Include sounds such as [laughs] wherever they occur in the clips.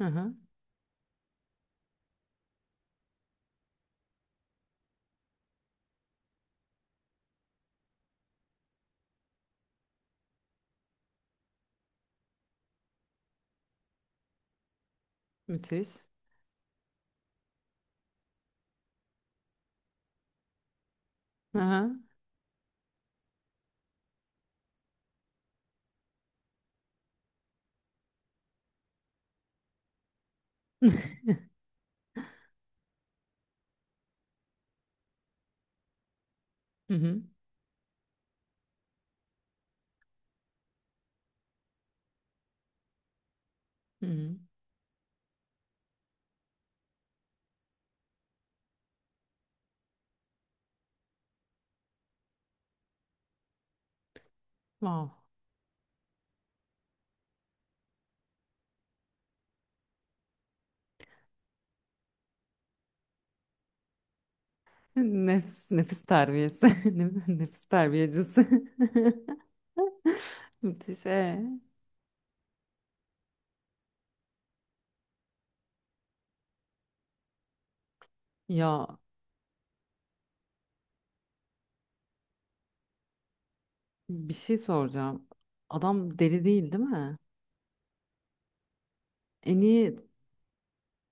Hı hı. Müthiş. Hı hı. [laughs] Hı hı. Hı hı. Wow. Nefis terbiyesi. [laughs] Nefis terbiyecisi. [laughs] Müthiş. Ee? Ya bir şey soracağım. Adam deli değil, değil mi? E niye,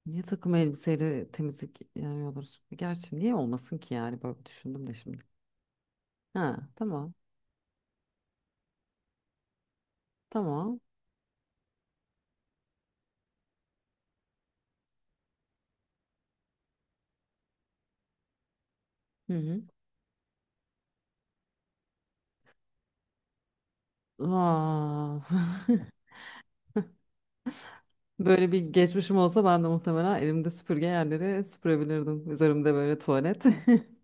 niye takım elbiseyle temizlik, yani olur? Gerçi niye olmasın ki, yani böyle düşündüm de şimdi. Ha, tamam. Tamam. Hı hı. Aa. [laughs] Böyle bir geçmişim olsa ben de muhtemelen elimde süpürge yerleri süpürebilirdim. Üzerimde böyle tuvalet. [laughs]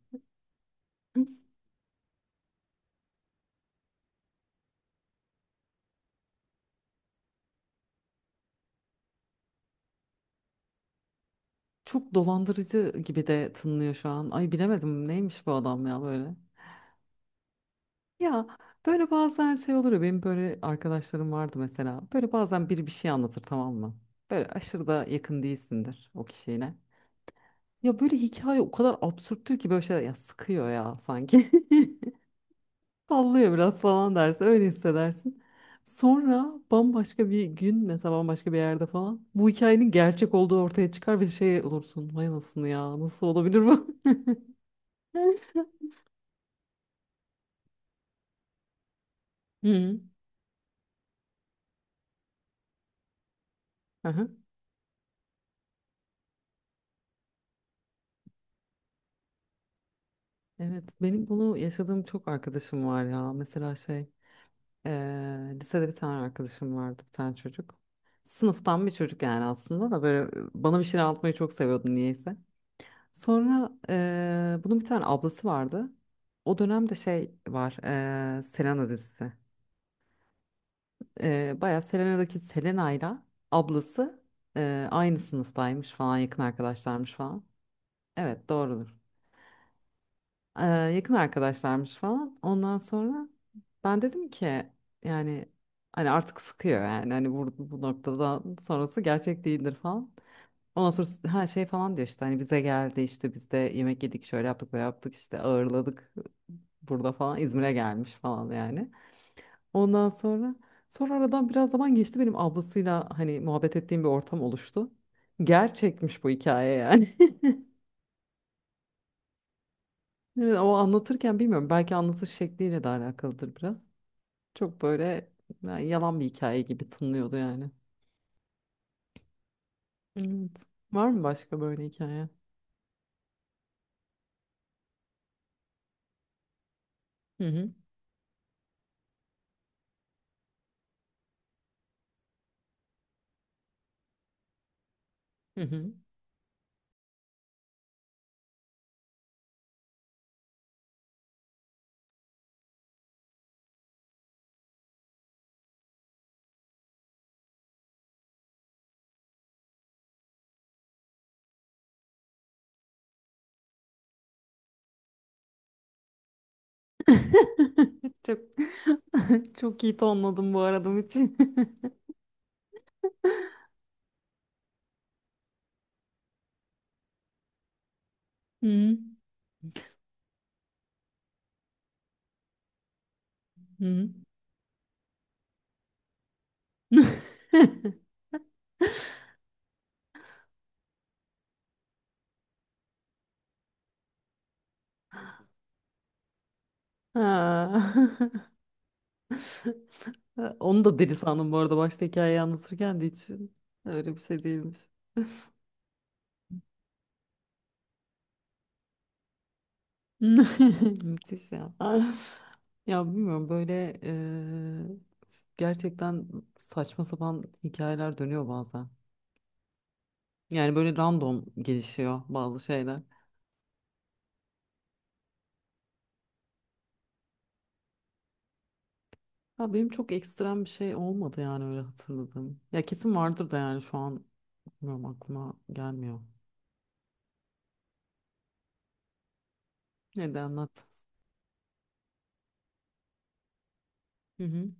Çok dolandırıcı gibi de tınlıyor şu an. Ay, bilemedim neymiş bu adam ya böyle. Ya böyle bazen şey olur ya, benim böyle arkadaşlarım vardı mesela. Böyle bazen biri bir şey anlatır, tamam mı? Böyle aşırı da yakın değilsindir o kişiyle. Ya böyle hikaye o kadar absürttür ki böyle, şeyler ya sıkıyor ya sanki. [laughs] Sallıyor biraz falan dersin. Öyle hissedersin. Sonra bambaşka bir gün mesela, bambaşka bir yerde falan bu hikayenin gerçek olduğu ortaya çıkar ve şey olursun. Vay anasını ya, nasıl olabilir bu? [laughs] Hı. Aha. Evet, benim bunu yaşadığım çok arkadaşım var ya. Mesela şey, lisede bir tane arkadaşım vardı, bir tane çocuk. Sınıftan bir çocuk yani, aslında da böyle bana bir şeyler anlatmayı çok seviyordu niyeyse. Sonra bunun bir tane ablası vardı. O dönemde şey var, Selena dizisi. Bayağı Selena'daki Selena'yla ablası aynı sınıftaymış falan, yakın arkadaşlarmış falan. Evet, doğrudur. Yakın arkadaşlarmış falan. Ondan sonra ben dedim ki, yani hani artık sıkıyor yani, hani bu noktada sonrası gerçek değildir falan. Ondan sonra ha şey falan diyor, işte hani bize geldi, işte biz de yemek yedik, şöyle yaptık, böyle yaptık, işte ağırladık burada falan, İzmir'e gelmiş falan yani. Ondan sonra aradan biraz zaman geçti, benim ablasıyla hani muhabbet ettiğim bir ortam oluştu. Gerçekmiş bu hikaye yani. [laughs] Evet, o anlatırken bilmiyorum, belki anlatış şekliyle de alakalıdır biraz. Çok böyle, yani yalan bir hikaye gibi tınlıyordu yani. Evet. Var mı başka böyle hikaye? Hı hı. Hı hı. [laughs] Çok [laughs] çok iyi tonladım bu arada Metin. [laughs] Hı hı. [laughs] Ha. [laughs] Onu da deli sandım bu arada, başta hikayeyi anlatırken de hiç öyle bir şey değilmiş. [laughs] Müthiş ya. Ya bilmiyorum böyle, gerçekten saçma sapan hikayeler dönüyor bazen. Yani böyle random gelişiyor bazı şeyler. Ya benim çok ekstrem bir şey olmadı yani, öyle hatırladım. Ya kesin vardır da, yani şu an bilmiyorum, aklıma gelmiyor. Neden, anlat. Hı hı.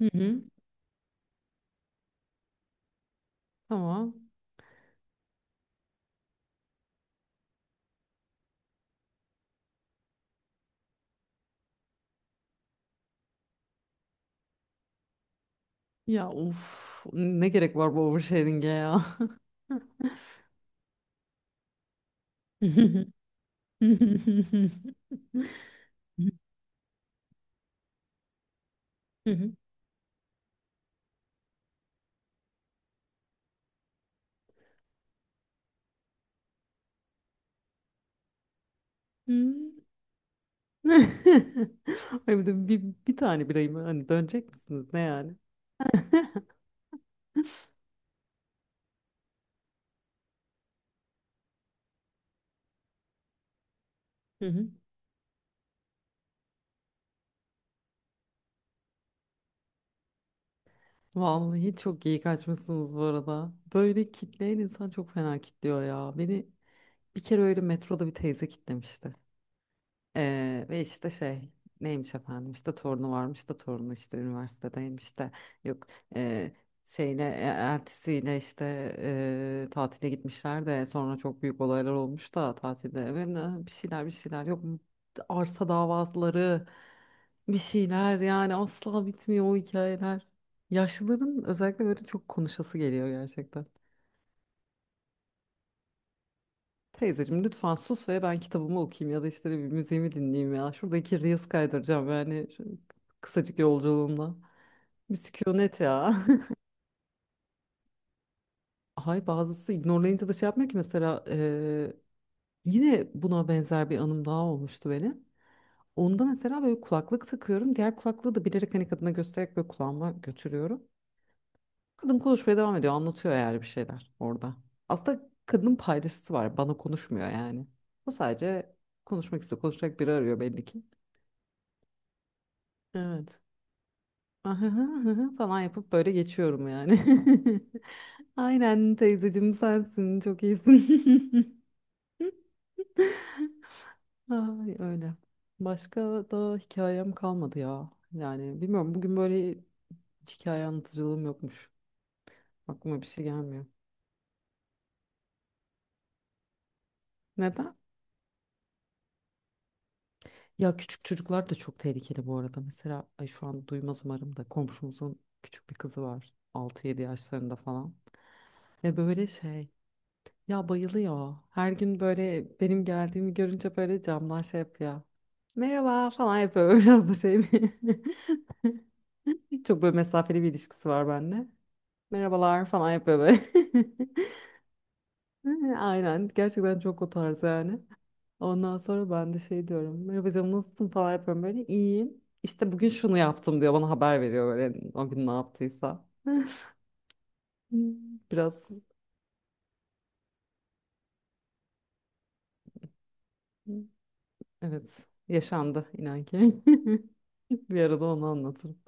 Hı hı. Tamam. Ya of, ne gerek var bu oversharing'e ya. [laughs] Hı hı. Hı hı. [laughs] Ay bir de bir tane birayım, hani dönecek misiniz ne yani? [laughs] Hı hı. Vallahi çok iyi kaçmışsınız bu arada. Böyle kitleyen insan çok fena kitliyor ya. Beni, bir kere öyle metroda bir teyze kitlemişti. Ve işte şey, neymiş efendim, işte torunu varmış da, torunu işte üniversitedeymiş de, yok e, şeyine eltisiyle işte tatile gitmişler de, sonra çok büyük olaylar olmuş da tatilde, ve bir şeyler bir şeyler, yok arsa davaları bir şeyler, yani asla bitmiyor o hikayeler. Yaşlıların özellikle böyle çok konuşası geliyor gerçekten. Teyzeciğim lütfen sus ve ben kitabımı okuyayım, ya da işte bir, bileyim müziğimi dinleyeyim ya. Şuradaki Reels kaydıracağım yani, şu kısacık yolculuğumda. Misyonet ya. [laughs] Ay bazısı ignorlayınca da şey yapmıyor ki, mesela yine buna benzer bir anım daha olmuştu benim. Onda mesela böyle kulaklık takıyorum. Diğer kulaklığı da bilerek hani kadına göstererek böyle kulağıma götürüyorum. Kadın konuşmaya devam ediyor. Anlatıyor yani bir şeyler orada. Aslında kadının paylaşısı var, bana konuşmuyor yani. O sadece konuşmak istiyor. Konuşacak biri arıyor, belli ki. Evet. [laughs] Ahıhı, ahıhı falan yapıp böyle geçiyorum yani. [laughs] Aynen teyzeciğim sensin. Çok iyisin. [laughs] Ay, öyle. Başka da hikayem kalmadı ya. Yani bilmiyorum, bugün böyle hiç hikaye anlatıcılığım yokmuş. Aklıma bir şey gelmiyor. Neden? Ya küçük çocuklar da çok tehlikeli bu arada. Mesela ay, şu an duymaz umarım da, komşumuzun küçük bir kızı var. 6-7 yaşlarında falan. Ve böyle şey, ya bayılıyor. Her gün böyle benim geldiğimi görünce böyle camdan şey yapıyor. Merhaba falan yapıyor. [laughs] Biraz da şey mi? [laughs] Çok böyle mesafeli bir ilişkisi var bende. Merhabalar falan yapıyor böyle. [laughs] Aynen. Gerçekten çok o tarz yani. Ondan sonra ben de şey diyorum. Merhaba canım, nasılsın falan yapıyorum böyle. İyiyim. İşte bugün şunu yaptım diyor. Bana haber veriyor böyle, o gün ne yaptıysa. [laughs] Biraz evet, yaşandı inan ki. [laughs] Bir arada onu anlatırım.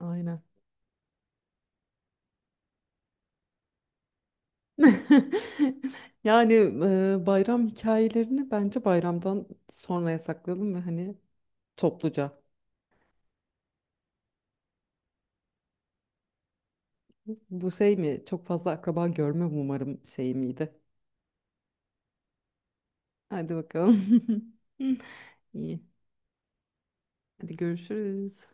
Aynen. [laughs] Yani bayram hikayelerini bence bayramdan sonraya saklayalım, ve hani topluca. Bu şey mi? Çok fazla akraba görme umarım, şey miydi? Hadi bakalım. [laughs] İyi. Hadi görüşürüz.